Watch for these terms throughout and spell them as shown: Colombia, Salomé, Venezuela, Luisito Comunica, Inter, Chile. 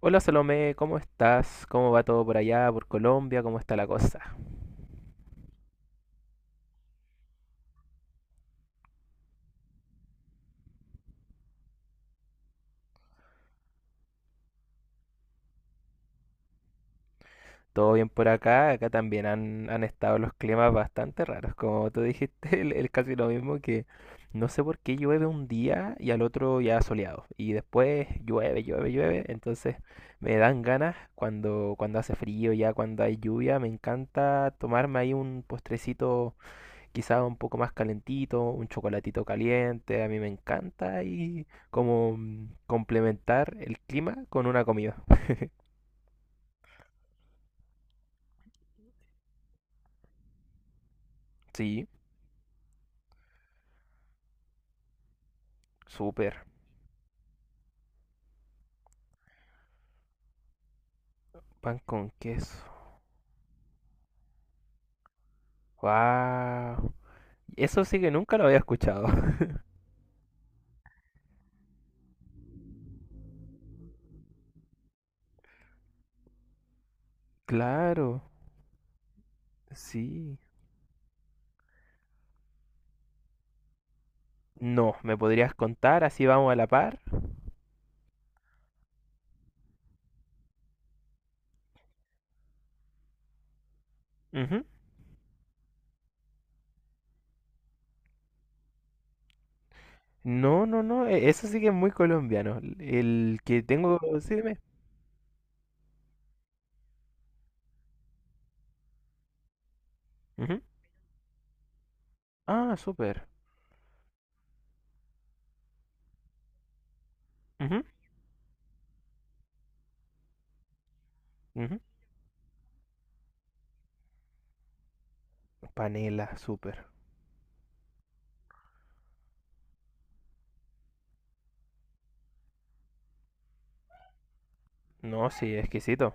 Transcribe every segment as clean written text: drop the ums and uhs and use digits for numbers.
Hola Salomé, ¿cómo estás? ¿Cómo va todo por allá, por Colombia? ¿Cómo está la cosa? Todo bien por acá, acá también han estado los climas bastante raros, como tú dijiste, el casi lo mismo que no sé por qué llueve un día y al otro ya soleado, y después llueve, llueve, llueve, entonces me dan ganas cuando hace frío, ya cuando hay lluvia, me encanta tomarme ahí un postrecito quizá un poco más calentito, un chocolatito caliente, a mí me encanta y como complementar el clima con una comida. Sí, súper. Pan con queso. Wow. Eso sí que nunca lo había escuchado. Claro, sí. No, ¿me podrías contar? Así vamos a la par. Ujú. No, no, no, eso sí que es muy colombiano. El que tengo, sí, dime. Ujú. Ah, súper. Ujú, ujú. Panela, súper. No, sí, exquisito.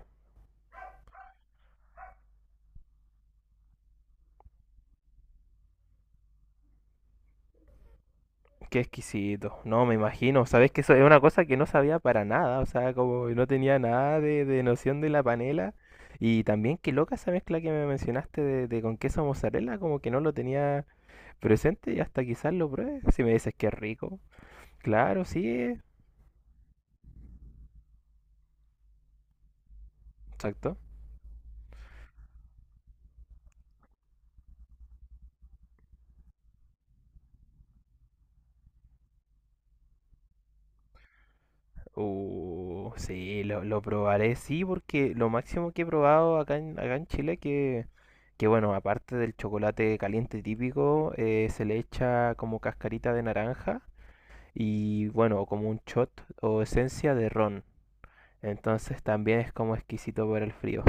Qué exquisito. No, me imagino. Sabes que eso es una cosa que no sabía para nada. O sea, como no tenía nada de noción de la panela. Y también qué loca esa mezcla que me mencionaste de con queso mozzarella, como que no lo tenía presente y hasta quizás lo pruebe. Si me dices que es rico. Claro, sí, exacto. Sí, lo probaré, sí, porque lo máximo que he probado acá en Chile que bueno, aparte del chocolate caliente típico, se le echa como cascarita de naranja y bueno, como un shot o esencia de ron. Entonces también es como exquisito por el frío.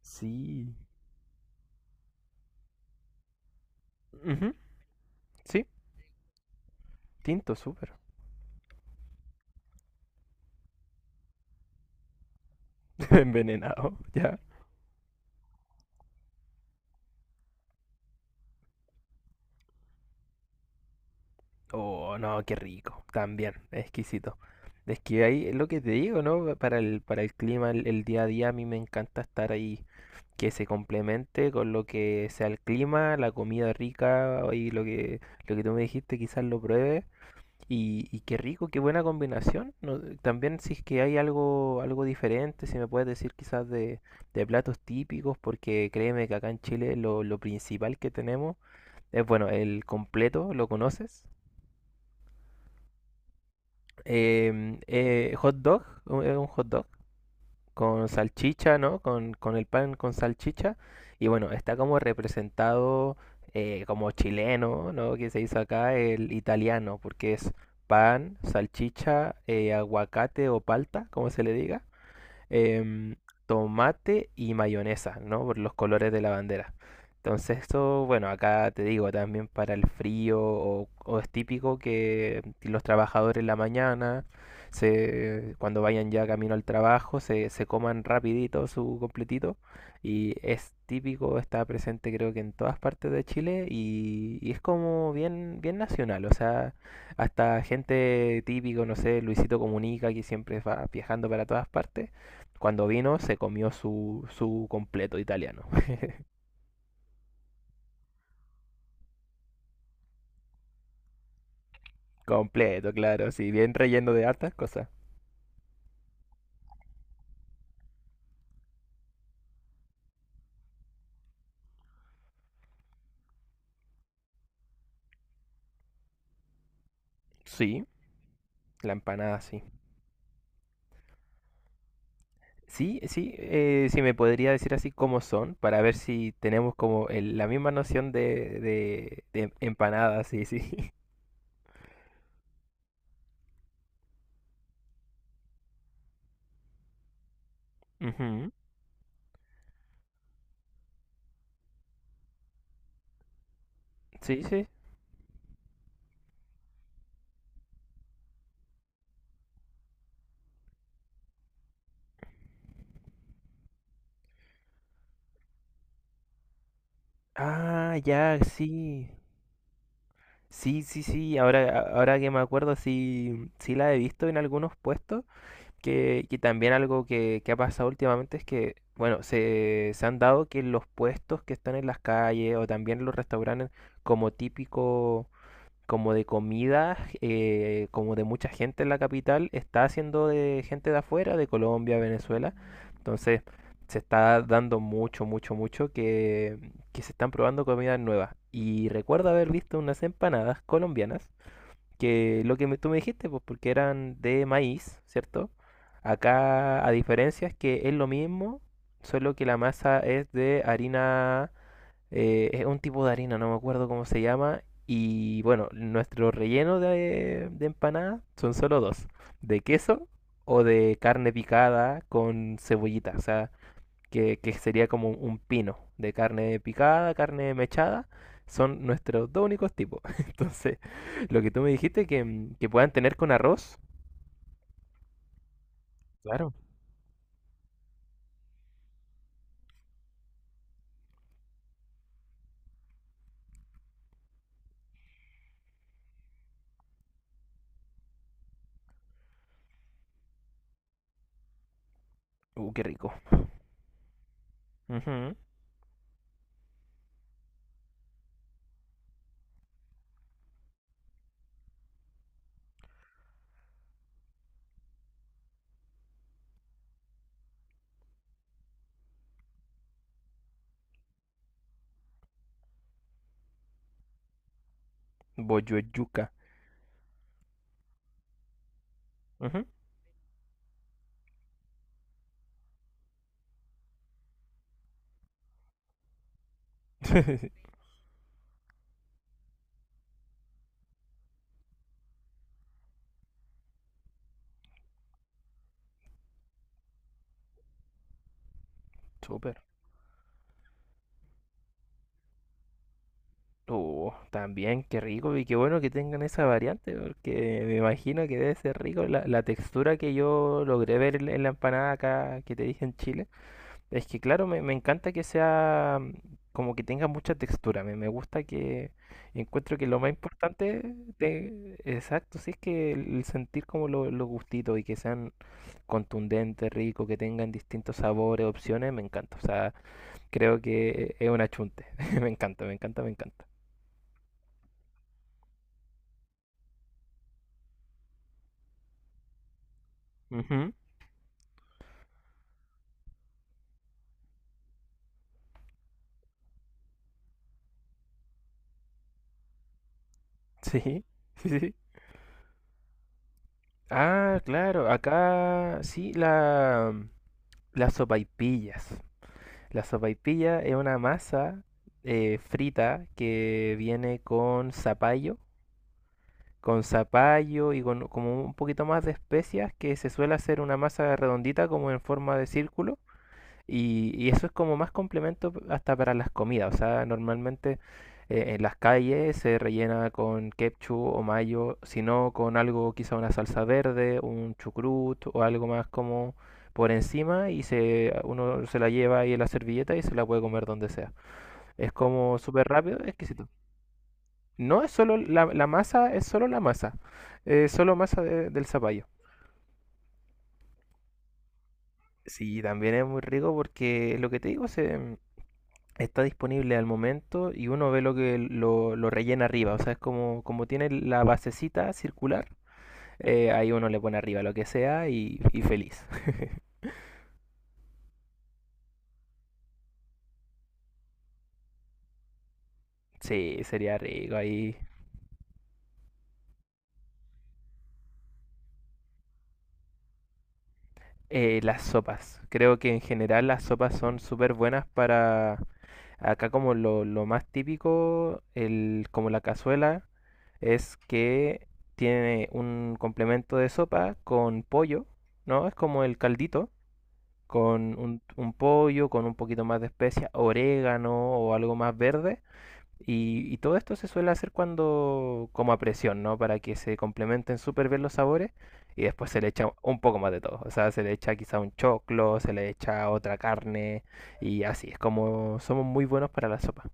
Sí. Ujú. Sí, tinto, súper. Envenenado, ya. Oh, no, qué rico. También, exquisito. Es que ahí es lo que te digo, ¿no? Para el clima, el día a día, a mí me encanta estar ahí. Que se complemente con lo que sea el clima, la comida rica y lo que tú me dijiste, quizás lo pruebe. Y qué rico, qué buena combinación. No, también si es que hay algo, algo diferente, si me puedes decir quizás de platos típicos, porque créeme que acá en Chile lo principal que tenemos es, bueno, el completo, ¿lo conoces? Em, hot dog, es un hot dog con salchicha, ¿no? Con el pan con salchicha. Y bueno, está como representado como chileno, ¿no? Que se hizo acá el italiano, porque es pan, salchicha, aguacate o palta, como se le diga, em, tomate y mayonesa, ¿no? Por los colores de la bandera. Entonces esto, bueno, acá te digo, también para el frío o es típico que los trabajadores en la mañana, se, cuando vayan ya camino al trabajo, se coman rapidito su completito. Y es típico, está presente creo que en todas partes de Chile y es como bien, bien nacional. O sea, hasta gente típico, no sé, Luisito Comunica, que siempre va viajando para todas partes cuando vino se comió su completo italiano. Completo, claro, sí, bien relleno de hartas cosas. Sí, la empanada sí. Sí, sí, si me podría decir así cómo son, para ver si tenemos como la misma noción de, de empanada, sí, sí. Ujú. Sí, sí. Ah, ya, sí. Sí, sí, sí. Ahora, ahora que me acuerdo, sí, sí la he visto en algunos puestos. Que también algo que ha pasado últimamente es que, bueno, se han dado que los puestos que están en las calles o también los restaurantes como típico, como de comida, como de mucha gente en la capital, está haciendo de gente de afuera, de Colombia, Venezuela. Entonces, se está dando mucho, mucho, mucho que se están probando comidas nuevas. Y recuerdo haber visto unas empanadas colombianas que lo que tú me dijiste, pues porque eran de maíz, ¿cierto? Acá, a diferencia, es que es lo mismo, solo que la masa es de harina, es un tipo de harina, no me acuerdo cómo se llama. Y bueno, nuestro relleno de empanada son solo dos, de queso o de carne picada con cebollita. O sea, que sería como un pino de carne picada, carne mechada. Son nuestros dos únicos tipos. Entonces, lo que tú me dijiste que, que puedan tener con arroz. Claro. Qué rico. Ujú. Bollo de yuca. Ujú. Súper. También, qué rico y qué bueno que tengan esa variante, porque me imagino que debe ser rico la textura que yo logré ver en la empanada acá que te dije en Chile. Es que claro, me encanta que sea como que tenga mucha textura. Me gusta que encuentro que lo más importante de, exacto, sí es que el sentir como los gustitos y que sean contundentes, ricos, que tengan distintos sabores, opciones, me encanta. O sea, creo que es un achunte. Me encanta, me encanta, me encanta. Ujú. Sí, sí, sí. Ah, claro, acá sí la las sopaipillas. La sopaipilla es una masa frita que viene con zapallo y con como un poquito más de especias que se suele hacer una masa redondita como en forma de círculo y eso es como más complemento hasta para las comidas. O sea, normalmente en las calles se rellena con ketchup o mayo, sino con algo, quizá una salsa verde, un chucrut o algo más como por encima y se, uno se la lleva ahí en la servilleta y se la puede comer donde sea. Es como súper rápido, exquisito. No es solo la masa, es solo la masa. Es solo masa del zapallo. Sí, también es muy rico porque lo que te digo se, está disponible al momento y uno ve lo que lo rellena arriba. O sea, es como, como tiene la basecita circular, ahí uno le pone arriba lo que sea y feliz. Sí, sería rico ahí. Las sopas. Creo que en general las sopas son súper buenas para... Acá como lo más típico, el, como la cazuela, es que tiene un complemento de sopa con pollo, ¿no? Es como el caldito con un pollo, con un poquito más de especia, orégano o algo más verde. Y todo esto se suele hacer cuando, como a presión, ¿no? Para que se complementen súper bien los sabores. Y después se le echa un poco más de todo. O sea, se le echa quizá un choclo, se le echa otra carne. Y así, es como somos muy buenos para la sopa.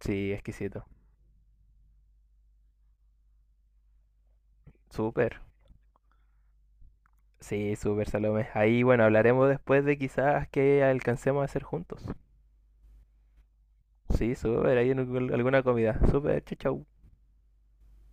Sí, exquisito. Súper. Sí, súper, Salomé. Ahí, bueno, hablaremos después de quizás que alcancemos a hacer juntos. Sí, súper, ahí en alguna comida. Súper, chau, chau.